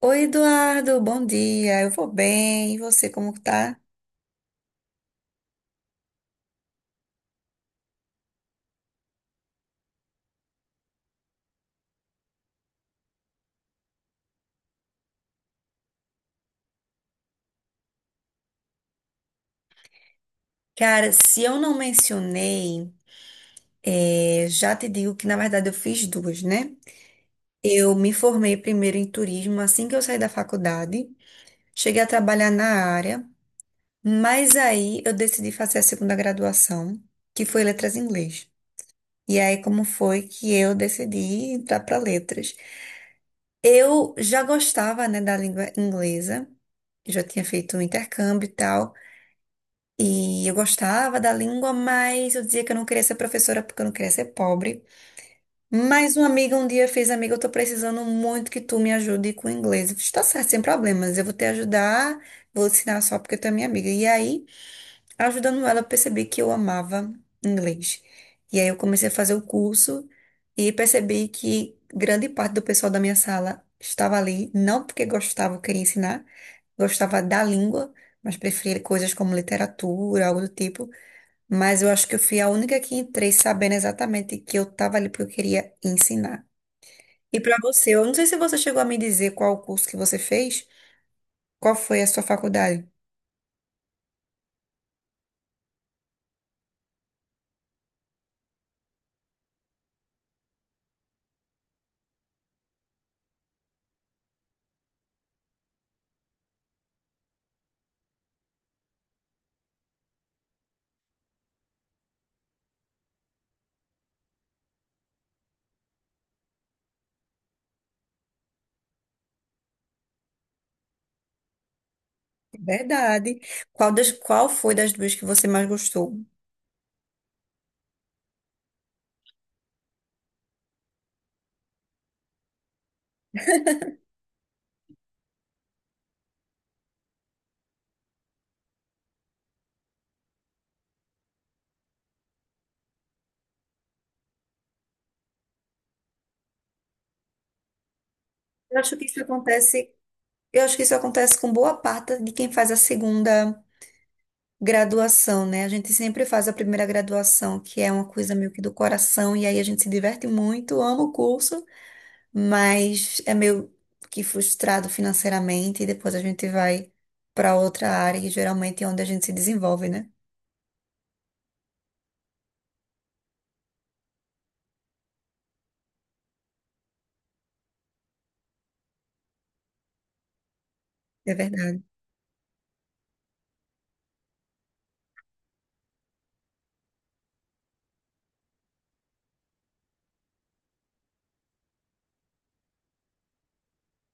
Oi, Eduardo, bom dia. Eu vou bem. E você, como tá? Cara, se eu não mencionei, já te digo que na verdade eu fiz duas, né? Eu me formei primeiro em turismo assim que eu saí da faculdade. Cheguei a trabalhar na área, mas aí eu decidi fazer a segunda graduação, que foi letras em inglês. E aí, como foi que eu decidi entrar para letras? Eu já gostava, né, da língua inglesa, eu já tinha feito um intercâmbio e tal. E eu gostava da língua, mas eu dizia que eu não queria ser professora porque eu não queria ser pobre. Mas uma amiga um dia fez, amiga, eu tô precisando muito que tu me ajude com o inglês. Eu fiz, tá certo, sem problemas, eu vou te ajudar, vou ensinar só porque tu é minha amiga. E aí ajudando ela a perceber que eu amava inglês. E aí eu comecei a fazer o curso e percebi que grande parte do pessoal da minha sala estava ali, não porque gostava, ou queria ensinar, gostava da língua, mas preferia coisas como literatura, algo do tipo. Mas eu acho que eu fui a única que entrei sabendo exatamente que eu estava ali porque eu queria ensinar. E para você, eu não sei se você chegou a me dizer qual o curso que você fez, qual foi a sua faculdade. Verdade. Qual, das, qual foi das duas que você mais gostou? Eu acho que isso acontece, eu acho que isso acontece com boa parte de quem faz a segunda graduação, né? A gente sempre faz a primeira graduação, que é uma coisa meio que do coração, e aí a gente se diverte muito, ama o curso, mas é meio que frustrado financeiramente, e depois a gente vai para outra área, e geralmente é onde a gente se desenvolve, né? É verdade.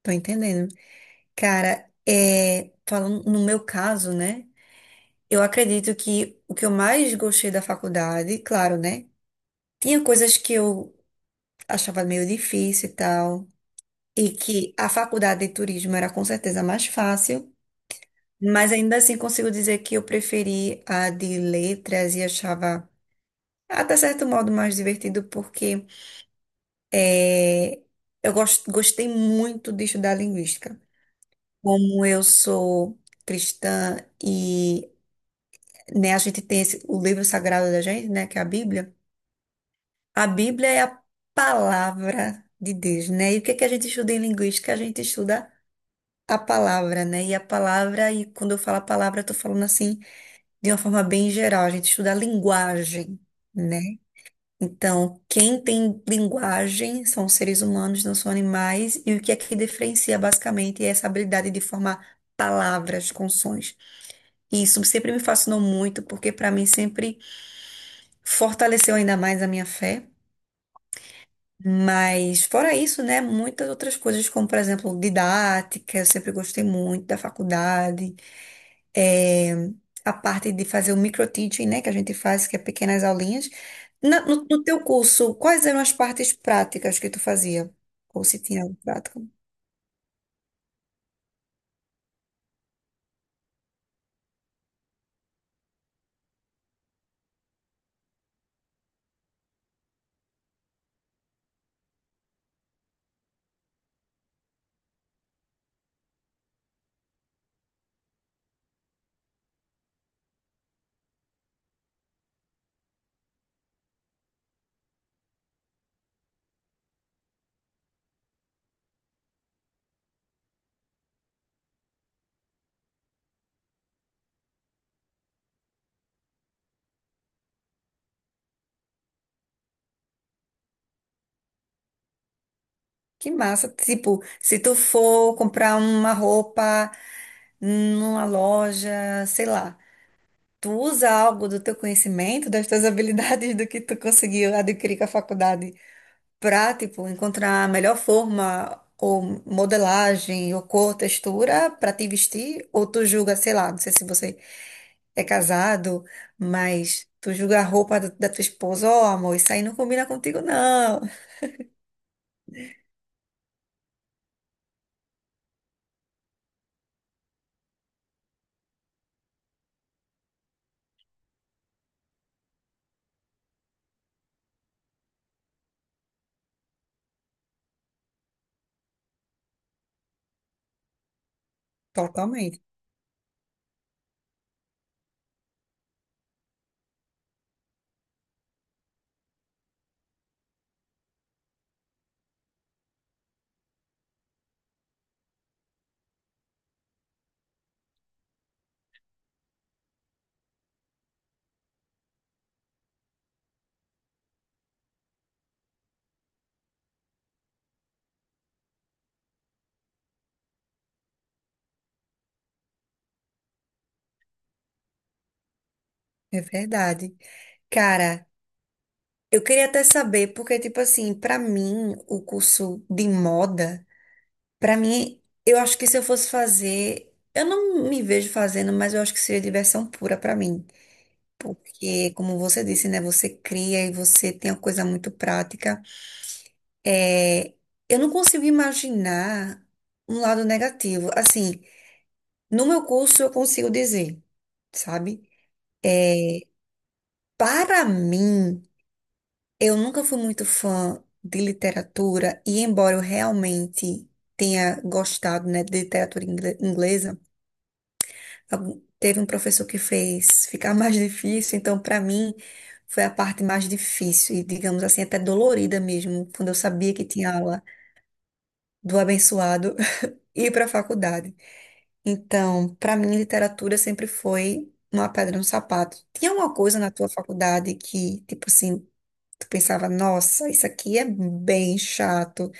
Tô entendendo. Cara, é, falando no meu caso, né? Eu acredito que o que eu mais gostei da faculdade, claro, né? Tinha coisas que eu achava meio difícil e tal, e que a faculdade de turismo era com certeza mais fácil, mas ainda assim consigo dizer que eu preferi a de letras e achava até certo modo mais divertido, porque eh, eu gostei muito de estudar linguística. Como eu sou cristã e né, a gente tem o livro sagrado da gente, né, que é a Bíblia. A Bíblia é a palavra de Deus, né? E o que é que a gente estuda em linguística? A gente estuda a palavra, né? E a palavra, e quando eu falo a palavra, eu tô falando assim de uma forma bem geral. A gente estuda a linguagem, né? Então, quem tem linguagem são os seres humanos, não são animais. E o que é que diferencia basicamente é essa habilidade de formar palavras com sons. E isso sempre me fascinou muito, porque para mim sempre fortaleceu ainda mais a minha fé. Mas fora isso, né, muitas outras coisas, como por exemplo, didática, eu sempre gostei muito da faculdade, é, a parte de fazer o microteaching, né, que a gente faz, que é pequenas aulinhas. No teu curso, quais eram as partes práticas que tu fazia? Ou se tinha algo prático? Que massa! Tipo, se tu for comprar uma roupa numa loja, sei lá, tu usa algo do teu conhecimento, das tuas habilidades, do que tu conseguiu adquirir com a faculdade? Para, tipo, encontrar a melhor forma ou modelagem ou cor, textura para te vestir, ou tu julga, sei lá, não sei se você é casado, mas tu julga a roupa da, da tua esposa, ó, amor, isso aí não combina contigo, não. Totalmente, é verdade. Cara, eu queria até saber, porque, tipo assim, pra mim, o curso de moda, pra mim, eu acho que se eu fosse fazer, eu não me vejo fazendo, mas eu acho que seria diversão pura pra mim. Porque, como você disse, né, você cria e você tem uma coisa muito prática. É, eu não consigo imaginar um lado negativo. Assim, no meu curso eu consigo dizer, sabe? Para mim, eu nunca fui muito fã de literatura e embora eu realmente tenha gostado, né, de literatura inglesa. Teve um professor que fez ficar mais difícil, então para mim foi a parte mais difícil e, digamos assim, até dolorida mesmo, quando eu sabia que tinha aula do abençoado e ir para a faculdade. Então, para mim, literatura sempre foi uma pedra no sapato. Tinha alguma coisa na tua faculdade que, tipo assim, tu pensava, nossa, isso aqui é bem chato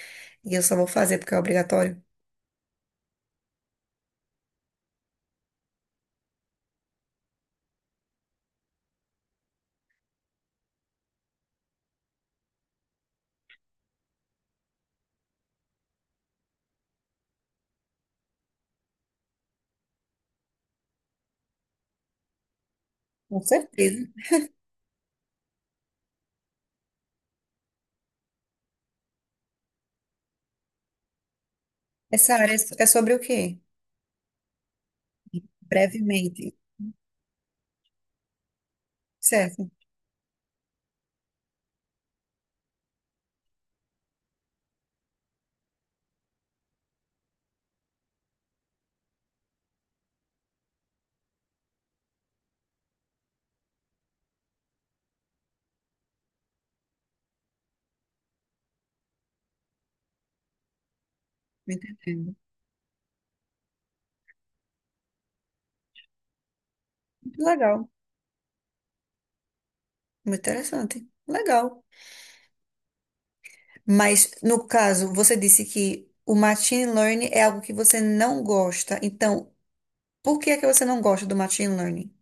e eu só vou fazer porque é obrigatório? Com certeza. Essa área é é sobre o quê? Brevemente. Certo, me entendendo. Muito legal. Muito interessante. Legal. Mas, no caso, você disse que o machine learning é algo que você não gosta. Então, por que é que você não gosta do machine learning?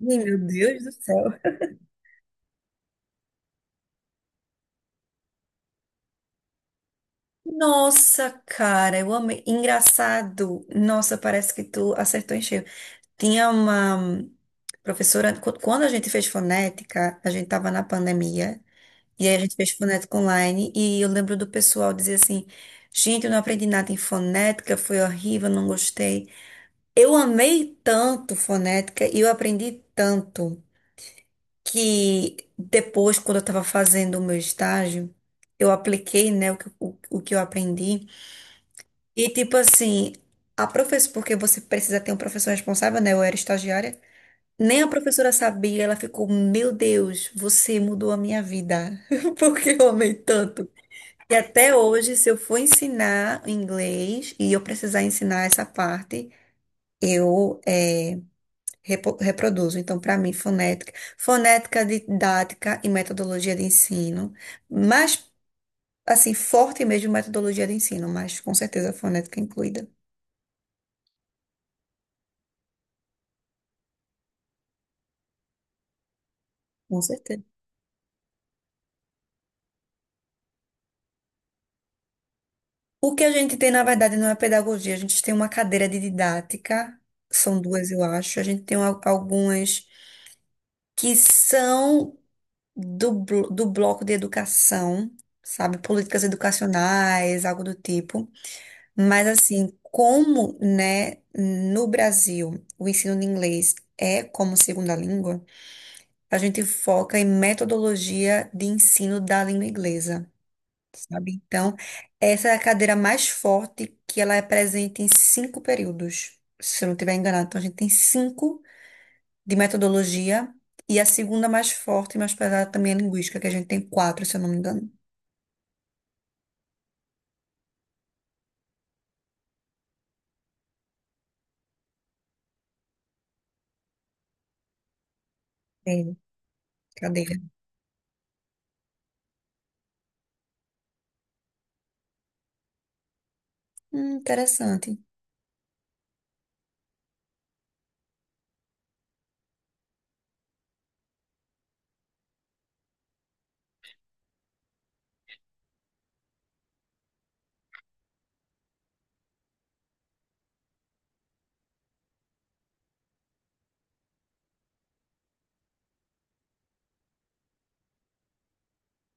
Ih, meu Deus do céu. Nossa, cara, eu amei. Engraçado. Nossa, parece que tu acertou em cheio. Tinha uma professora, quando a gente fez fonética, a gente tava na pandemia, e aí a gente fez fonética online, e eu lembro do pessoal dizer assim: gente, eu não aprendi nada em fonética, foi horrível, não gostei. Eu amei tanto fonética e eu aprendi tanto que depois, quando eu estava fazendo o meu estágio, eu apliquei, né, o que eu aprendi. E tipo assim, a professora, porque você precisa ter um professor responsável, né? Eu era estagiária. Nem a professora sabia, ela ficou, meu Deus, você mudou a minha vida, porque eu amei tanto. E até hoje, se eu for ensinar inglês e eu precisar ensinar essa parte, eu reproduzo. Então, para mim, fonética, fonética didática e metodologia de ensino, mais assim, forte mesmo metodologia de ensino, mas com certeza fonética incluída. Com certeza. O que a gente tem, na verdade, não é pedagogia, a gente tem uma cadeira de didática, são duas, eu acho. A gente tem algumas que são do bloco de educação, sabe? Políticas educacionais, algo do tipo. Mas assim, como, né, no Brasil, o ensino de inglês é como segunda língua, a gente foca em metodologia de ensino da língua inglesa, sabe? Então, essa é a cadeira mais forte que ela é presente em cinco períodos, se eu não estiver enganado. Então, a gente tem cinco de metodologia e a segunda mais forte e mais pesada também é linguística, que a gente tem quatro, se eu não me engano. É, cadeira. Interessante.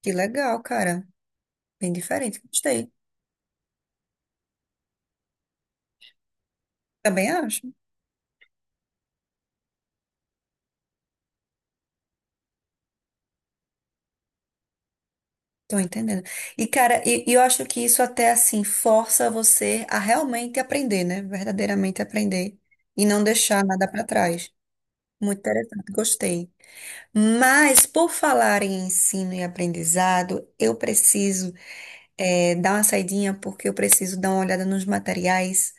Que legal, cara. Bem diferente. Gostei. Também acho. Tô entendendo. E, cara, e eu acho que isso até assim força você a realmente aprender, né? Verdadeiramente aprender. E não deixar nada para trás. Muito interessante, gostei. Mas, por falar em ensino e aprendizado, eu preciso dar uma saidinha, porque eu preciso dar uma olhada nos materiais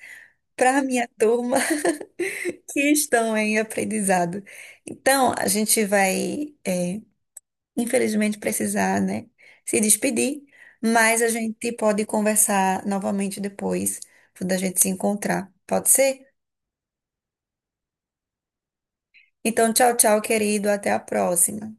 para a minha turma que estão em aprendizado. Então, a gente vai. Infelizmente, precisar, né, se despedir, mas a gente pode conversar novamente depois, quando a gente se encontrar. Pode ser? Então, tchau, tchau, querido. Até a próxima.